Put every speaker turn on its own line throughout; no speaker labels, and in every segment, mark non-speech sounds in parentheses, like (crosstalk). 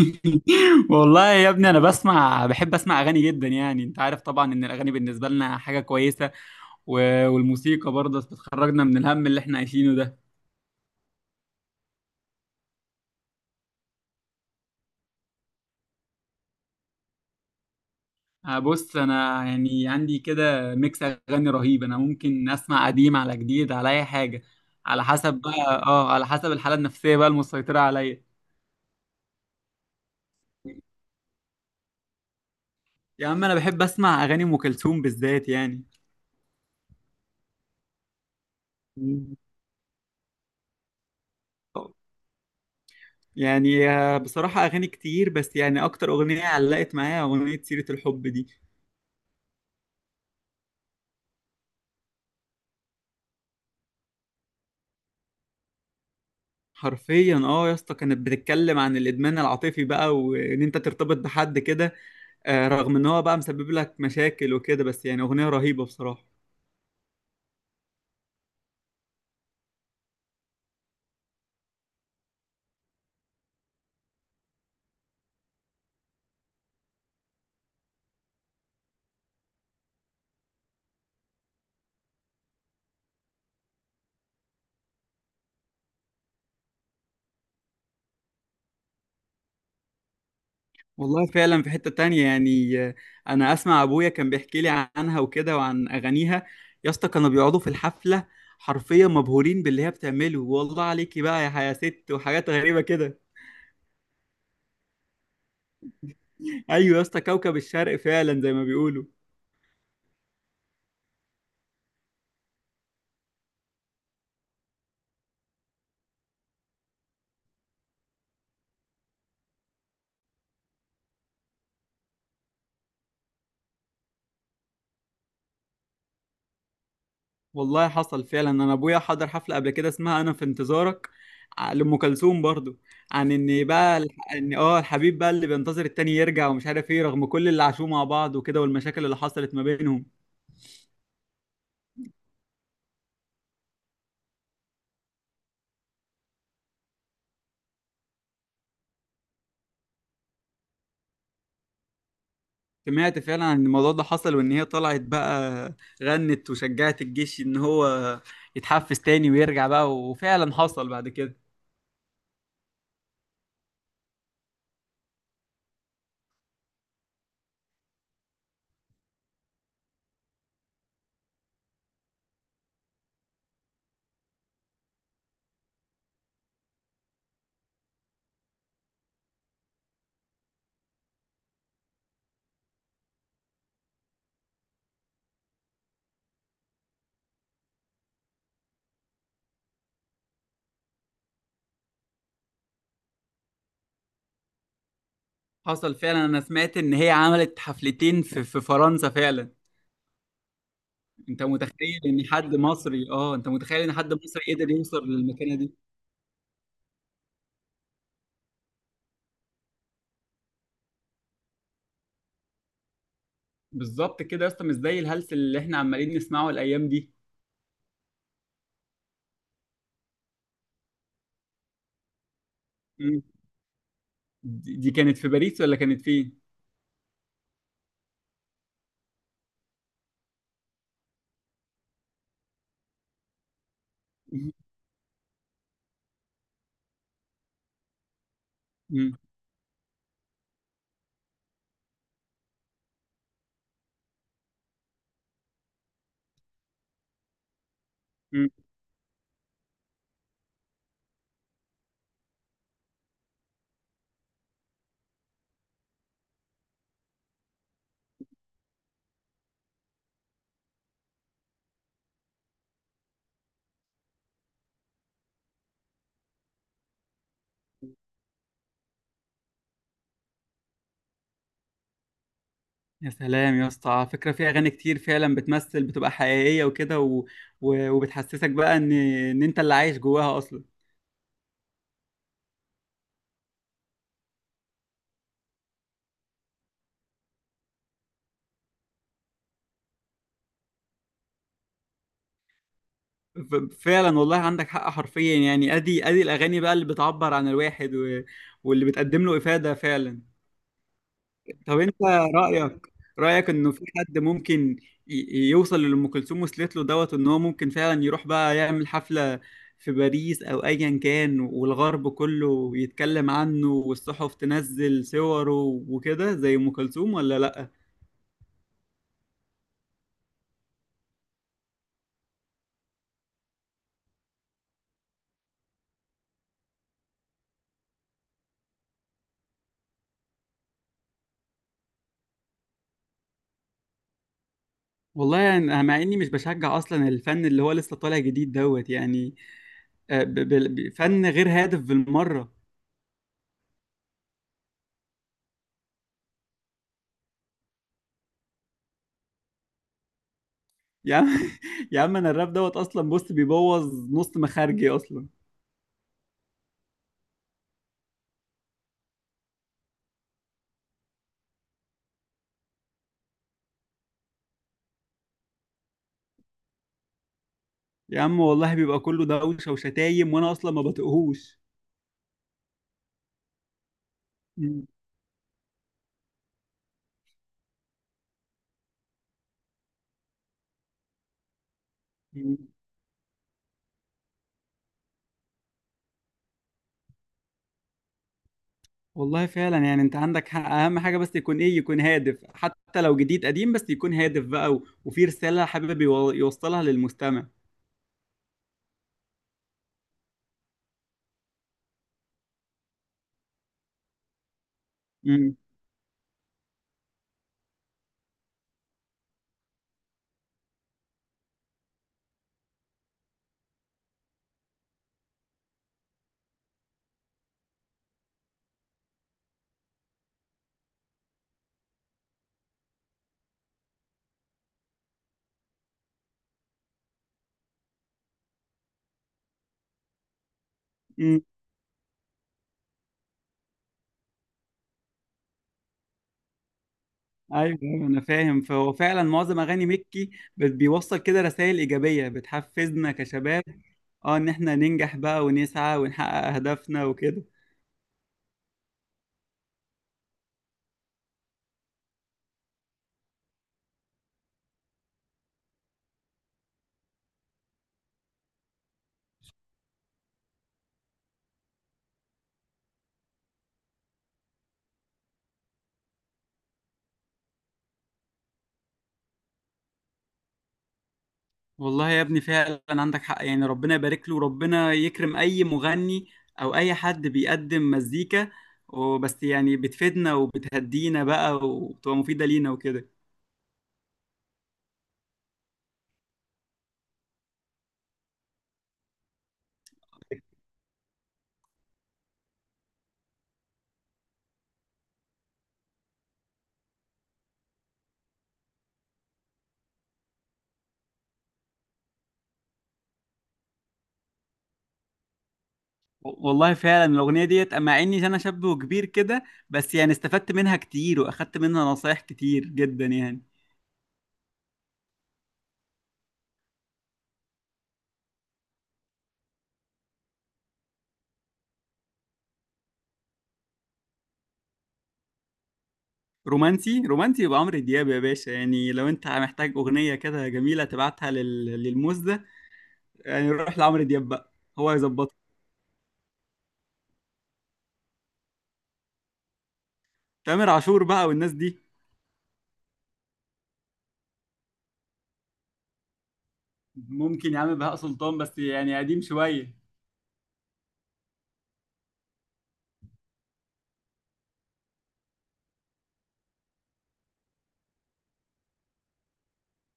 (laughs) والله يا ابني، انا بحب اسمع اغاني جدا. يعني انت عارف طبعا ان الاغاني بالنسبه لنا حاجه كويسه. والموسيقى برضه بتخرجنا من الهم اللي احنا عايشينه ده. بص، انا يعني عندي كده ميكس اغاني رهيب. انا ممكن اسمع قديم على جديد على اي حاجه، على حسب بقى، على حسب الحاله النفسيه بقى المسيطره عليا. يا عم، انا بحب اسمع اغاني ام كلثوم بالذات يعني. مم. يعني بصراحة أغاني كتير، بس يعني أكتر أغنية علقت معايا أغنية سيرة الحب دي. حرفيا يا اسطى، كانت بتتكلم عن الادمان العاطفي بقى، وان انت ترتبط بحد كده. رغم ان هو بقى مسبب لك مشاكل وكده، بس يعني اغنيه رهيبه بصراحه. والله فعلا في حته تانية يعني. انا اسمع ابويا كان بيحكي لي عنها وكده وعن اغانيها. يا اسطى كانوا بيقعدوا في الحفله حرفيا مبهورين باللي هي بتعمله. والله عليكي بقى يا حيا ست، وحاجات غريبه كده. ايوه يا اسطى، كوكب الشرق فعلا زي ما بيقولوا. والله حصل فعلا، انا ابويا حضر حفله قبل كده اسمها انا في انتظارك، لام كلثوم برضو. عن ان بقى الح- ان اه الحبيب بقى اللي بينتظر التاني يرجع ومش عارف ايه، رغم كل اللي عاشوه مع بعض وكده والمشاكل اللي حصلت ما بينهم. سمعت فعلا عن الموضوع ده، حصل وان هي طلعت بقى غنت وشجعت الجيش ان هو يتحفز تاني ويرجع بقى، وفعلا حصل بعد كده. حصل فعلا، انا سمعت ان هي عملت حفلتين في فرنسا فعلا. انت متخيل ان حد مصري قدر يوصل للمكانه دي؟ بالظبط كده يا اسطى، مش زي الهلس اللي احنا عمالين نسمعه الايام دي. مم. دي كانت في باريس ولا كانت فين؟ مم. مم. مم. يا سلام يا اسطى! على فكره في اغاني كتير فعلا بتمثل، بتبقى حقيقيه وكده وبتحسسك بقى ان ان انت اللي عايش جواها اصلا. ف- فعلا والله عندك حق، حرفيا يعني ادي الاغاني بقى اللي بتعبر عن الواحد واللي بتقدم له افاده فعلا. طب انت، رأيك رأيك انه في حد ممكن يوصل للي ام كلثوم وصلت له دوت، ان هو ممكن فعلا يروح بقى يعمل حفلة في باريس او ايا كان، والغرب كله يتكلم عنه والصحف تنزل صوره وكده زي ام كلثوم ولا لا؟ والله يعني أنا مع اني مش بشجع اصلا الفن اللي هو لسه طالع جديد دوت يعني. فن غير هادف بالمرة. يا عم (laughs) يا عم، انا الراب دوت اصلا بص بيبوظ نص مخارجي اصلا. يا عم والله بيبقى كله دوشة وشتايم، وانا اصلا ما بطيقهوش. مم. مم. والله فعلا يعني انت عندك حق، اهم حاجة بس يكون ايه، يكون هادف. حتى لو جديد قديم بس يكون هادف بقى، وفي رسالة حابب يوصلها للمستمع. مم. مم. ايوه، أيوة، انا فاهم. فهو فعلا معظم اغاني مكي بيوصل كده رسائل ايجابية بتحفزنا كشباب. اه، ان احنا ننجح بقى ونسعى ونحقق اهدافنا وكده. والله يا ابني فعلا عندك حق، يعني ربنا يبارك له وربنا يكرم اي مغني او اي حد بيقدم مزيكا، وبس يعني بتفيدنا وبتهدينا بقى وبتبقى مفيدة لينا وكده. والله فعلا الأغنية ديت أما إني أنا شاب وكبير كده، بس يعني استفدت منها كتير وأخدت منها نصايح كتير جدا يعني. رومانسي، رومانسي يبقى عمرو دياب يا باشا. يعني لو أنت محتاج أغنية كده جميلة تبعتها للموز ده، يعني روح لعمرو دياب بقى، هو يظبطها. تامر عاشور بقى والناس دي. ممكن يا عم بهاء سلطان، بس يعني قديم شوية.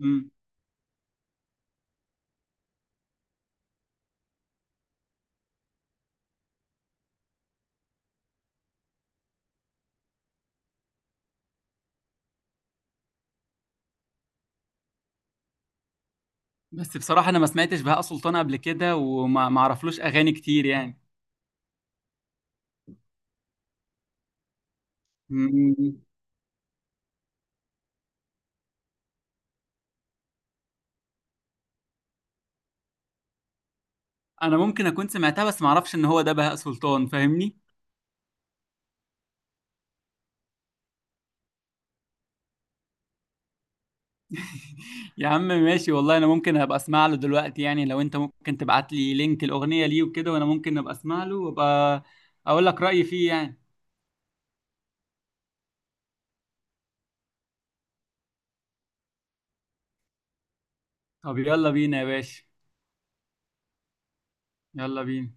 امم بس بصراحة أنا ما سمعتش بهاء سلطان قبل كده، وما ما اعرفلوش أغاني كتير يعني. امم أنا ممكن أكون سمعتها بس ما اعرفش إن هو ده بهاء سلطان، فاهمني. يا عم ماشي، والله أنا ممكن أبقى أسمع له دلوقتي يعني. لو أنت ممكن تبعت لي لينك الأغنية ليه وكده، وأنا ممكن أبقى أسمع له وأبقى أقول لك رأيي فيه يعني. طب يلا بينا يا باشا. يلا بينا.